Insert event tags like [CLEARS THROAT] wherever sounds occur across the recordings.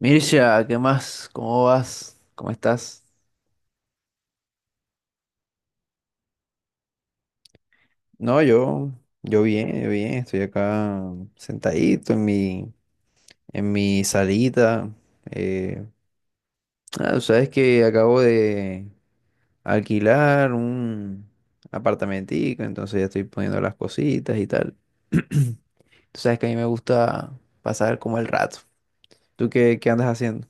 Mircea, ¿qué más? ¿Cómo vas? ¿Cómo estás? No, yo, yo bien, estoy acá sentadito en mi salita. eh, sabes que acabo de alquilar un apartamentico, entonces ya estoy poniendo las cositas y tal. [CLEARS THROAT] Tú sabes que a mí me gusta pasar como el rato. ¿Tú qué andas haciendo?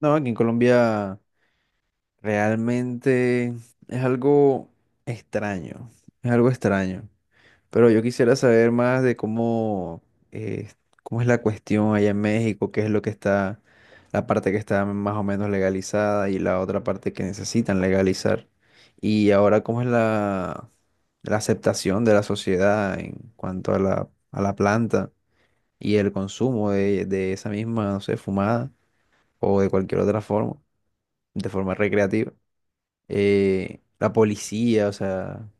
No, aquí en Colombia realmente es algo extraño, es algo extraño. Pero yo quisiera saber más de eh, cómo es la cuestión allá en México, qué es lo que está, la parte que está más o menos legalizada y la otra parte que necesitan legalizar. Y ahora, cómo es la aceptación de la sociedad en cuanto a la planta y el consumo de esa misma, no sé, fumada o de cualquier otra forma, de forma recreativa. La policía, o sea,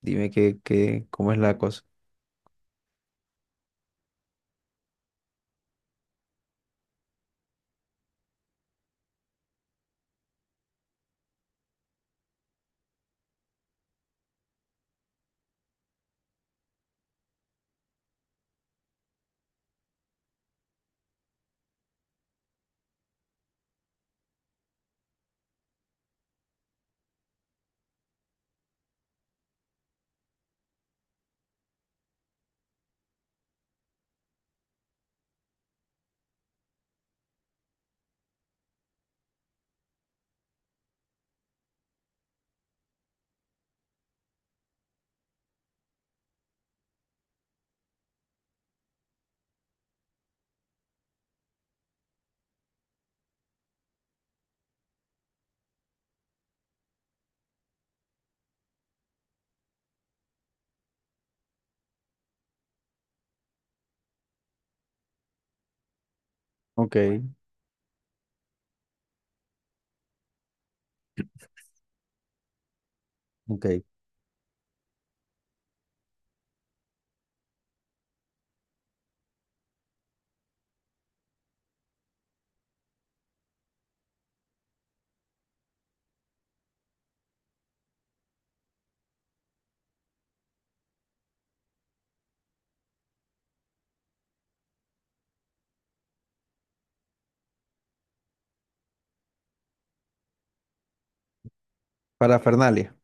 dime cómo es la cosa. Ok, ok. Parafernalia.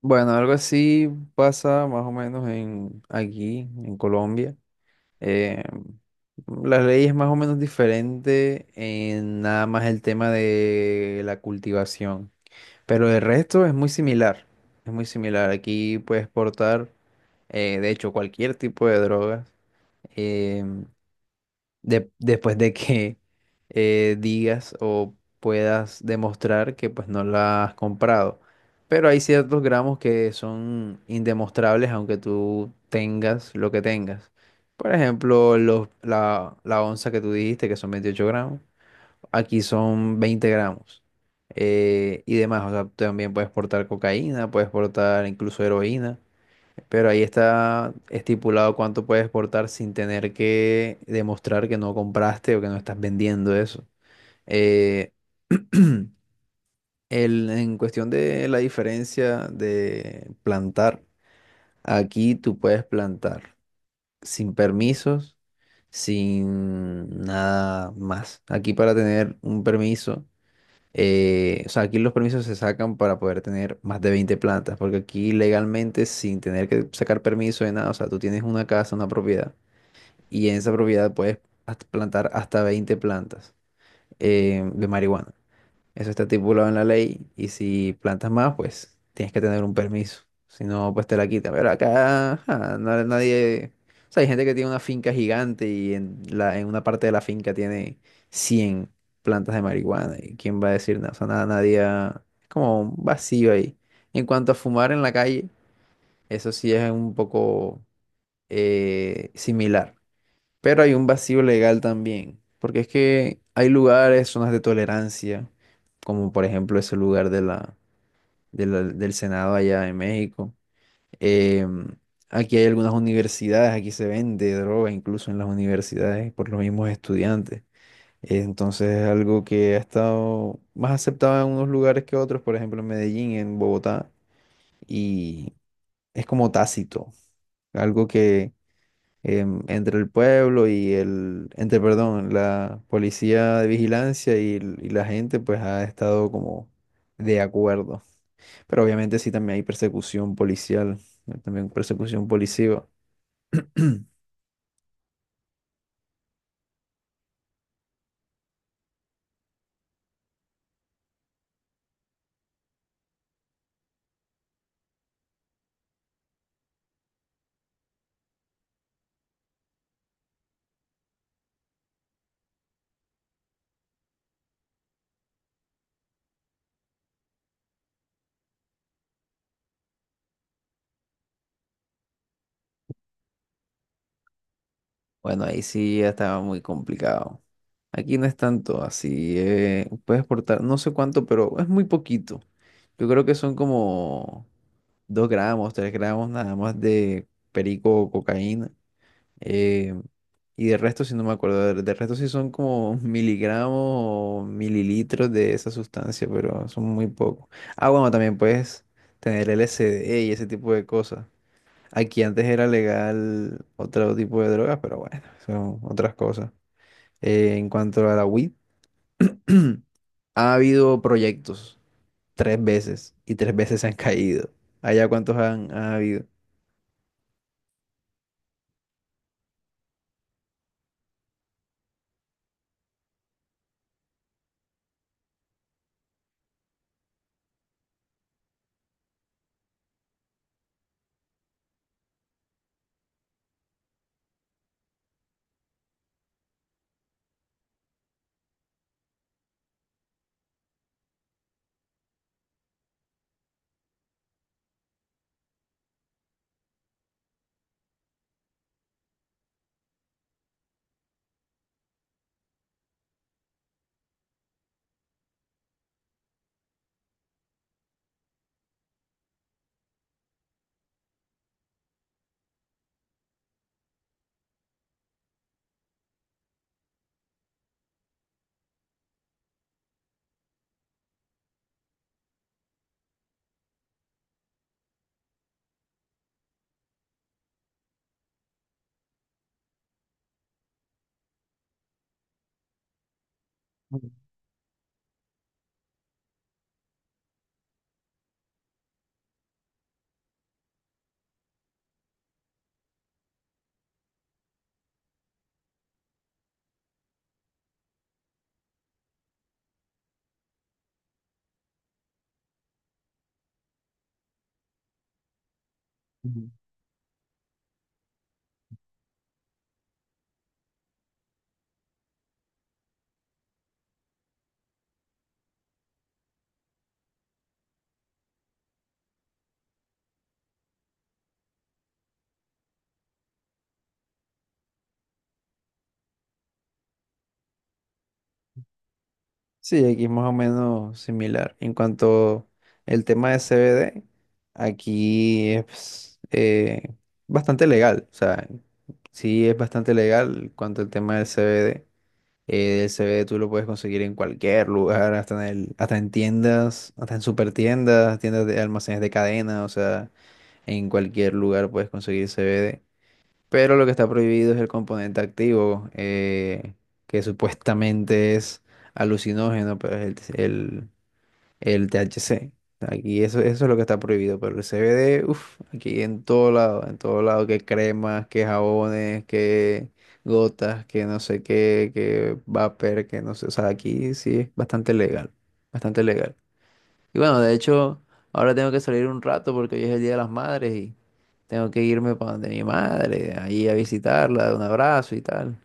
Bueno, algo así pasa más o menos en aquí, en Colombia. Eh, la ley es más o menos diferente en nada más el tema de la cultivación, pero el resto es muy similar. Es muy similar. Aquí puedes portar de hecho, cualquier tipo de drogas. eh, Después de que digas o puedas demostrar que pues no la has comprado. Pero hay ciertos gramos que son indemostrables aunque tú tengas lo que tengas. Por ejemplo, la onza que tú dijiste que son 28 gramos, aquí son 20 gramos. Y demás, o sea, también puedes portar cocaína, puedes portar incluso heroína. Pero ahí está estipulado cuánto puedes exportar sin tener que demostrar que no compraste o que no estás vendiendo eso. Eh, [CLEARS THROAT] en cuestión de la diferencia de plantar, aquí tú puedes plantar sin permisos, sin nada más. Aquí para tener un permiso, o sea, aquí los permisos se sacan para poder tener más de 20 plantas, porque aquí legalmente sin tener que sacar permiso de nada, o sea, tú tienes una casa, una propiedad y en esa propiedad puedes plantar hasta 20 plantas de marihuana. Eso está estipulado en la ley y si plantas más, pues tienes que tener un permiso. Si no, pues te la quitan. Pero acá ajá, nadie... O sea, hay gente que tiene una finca gigante y en una parte de la finca tiene 100 plantas de marihuana. ¿Y quién va a decir nada? O sea, nada, nadie... ha- es como un vacío ahí. En cuanto a fumar en la calle, eso sí es un poco similar. Pero hay un vacío legal también, porque es que hay lugares, zonas de tolerancia, como por ejemplo ese lugar del Senado allá en México. Em, Aquí hay algunas universidades, aquí se vende droga incluso en las universidades por los mismos estudiantes. Entonces es algo que ha estado más aceptado en unos lugares que otros, por ejemplo en Medellín, en Bogotá, y es como tácito, algo entre el pueblo y, perdón, la policía de vigilancia y la gente, pues ha estado como de acuerdo. Pero obviamente sí también hay persecución policial, también persecución policiva. [CLEARS THROAT] Bueno, ahí sí ya estaba muy complicado. Aquí no es tanto así, puedes portar, no sé cuánto, pero es muy poquito. Yo creo que son como 2 gramos, 3 gramos nada más de perico o cocaína. em, Y de resto, sí no me acuerdo, de resto sí son como miligramos o mililitros de esa sustancia, pero son muy pocos. Ah, bueno, también puedes tener LSD y ese tipo de cosas. Aquí antes era legal otro tipo de drogas, pero bueno, son otras cosas. En cuanto a la weed, [CLEARS THROAT] ha habido proyectos tres veces y tres veces se han caído. ¿Allá cuántos ha habido? Sí, aquí es más o menos similar. En cuanto el tema de CBD, aquí es pues bastante legal. O sea, sí es bastante legal en cuanto al tema del CBD. El CBD tú lo puedes conseguir en cualquier lugar, hasta en hasta en tiendas, hasta en supertiendas, tiendas de almacenes de cadena, o sea, en cualquier lugar puedes conseguir CBD. Pero lo que está prohibido es el componente activo, que supuestamente es alucinógeno, pero es el THC. Aquí eso, eso es lo que está prohibido, pero el CBD, uff, aquí en todo lado, que cremas, que jabones, que gotas, que no sé qué, que vapor, que no sé, o sea, aquí sí es bastante legal, bastante legal. Y bueno, de hecho, ahora tengo que salir un rato porque hoy es el Día de las Madres, tengo que irme para donde mi madre, ahí a visitarla, dar un abrazo y tal.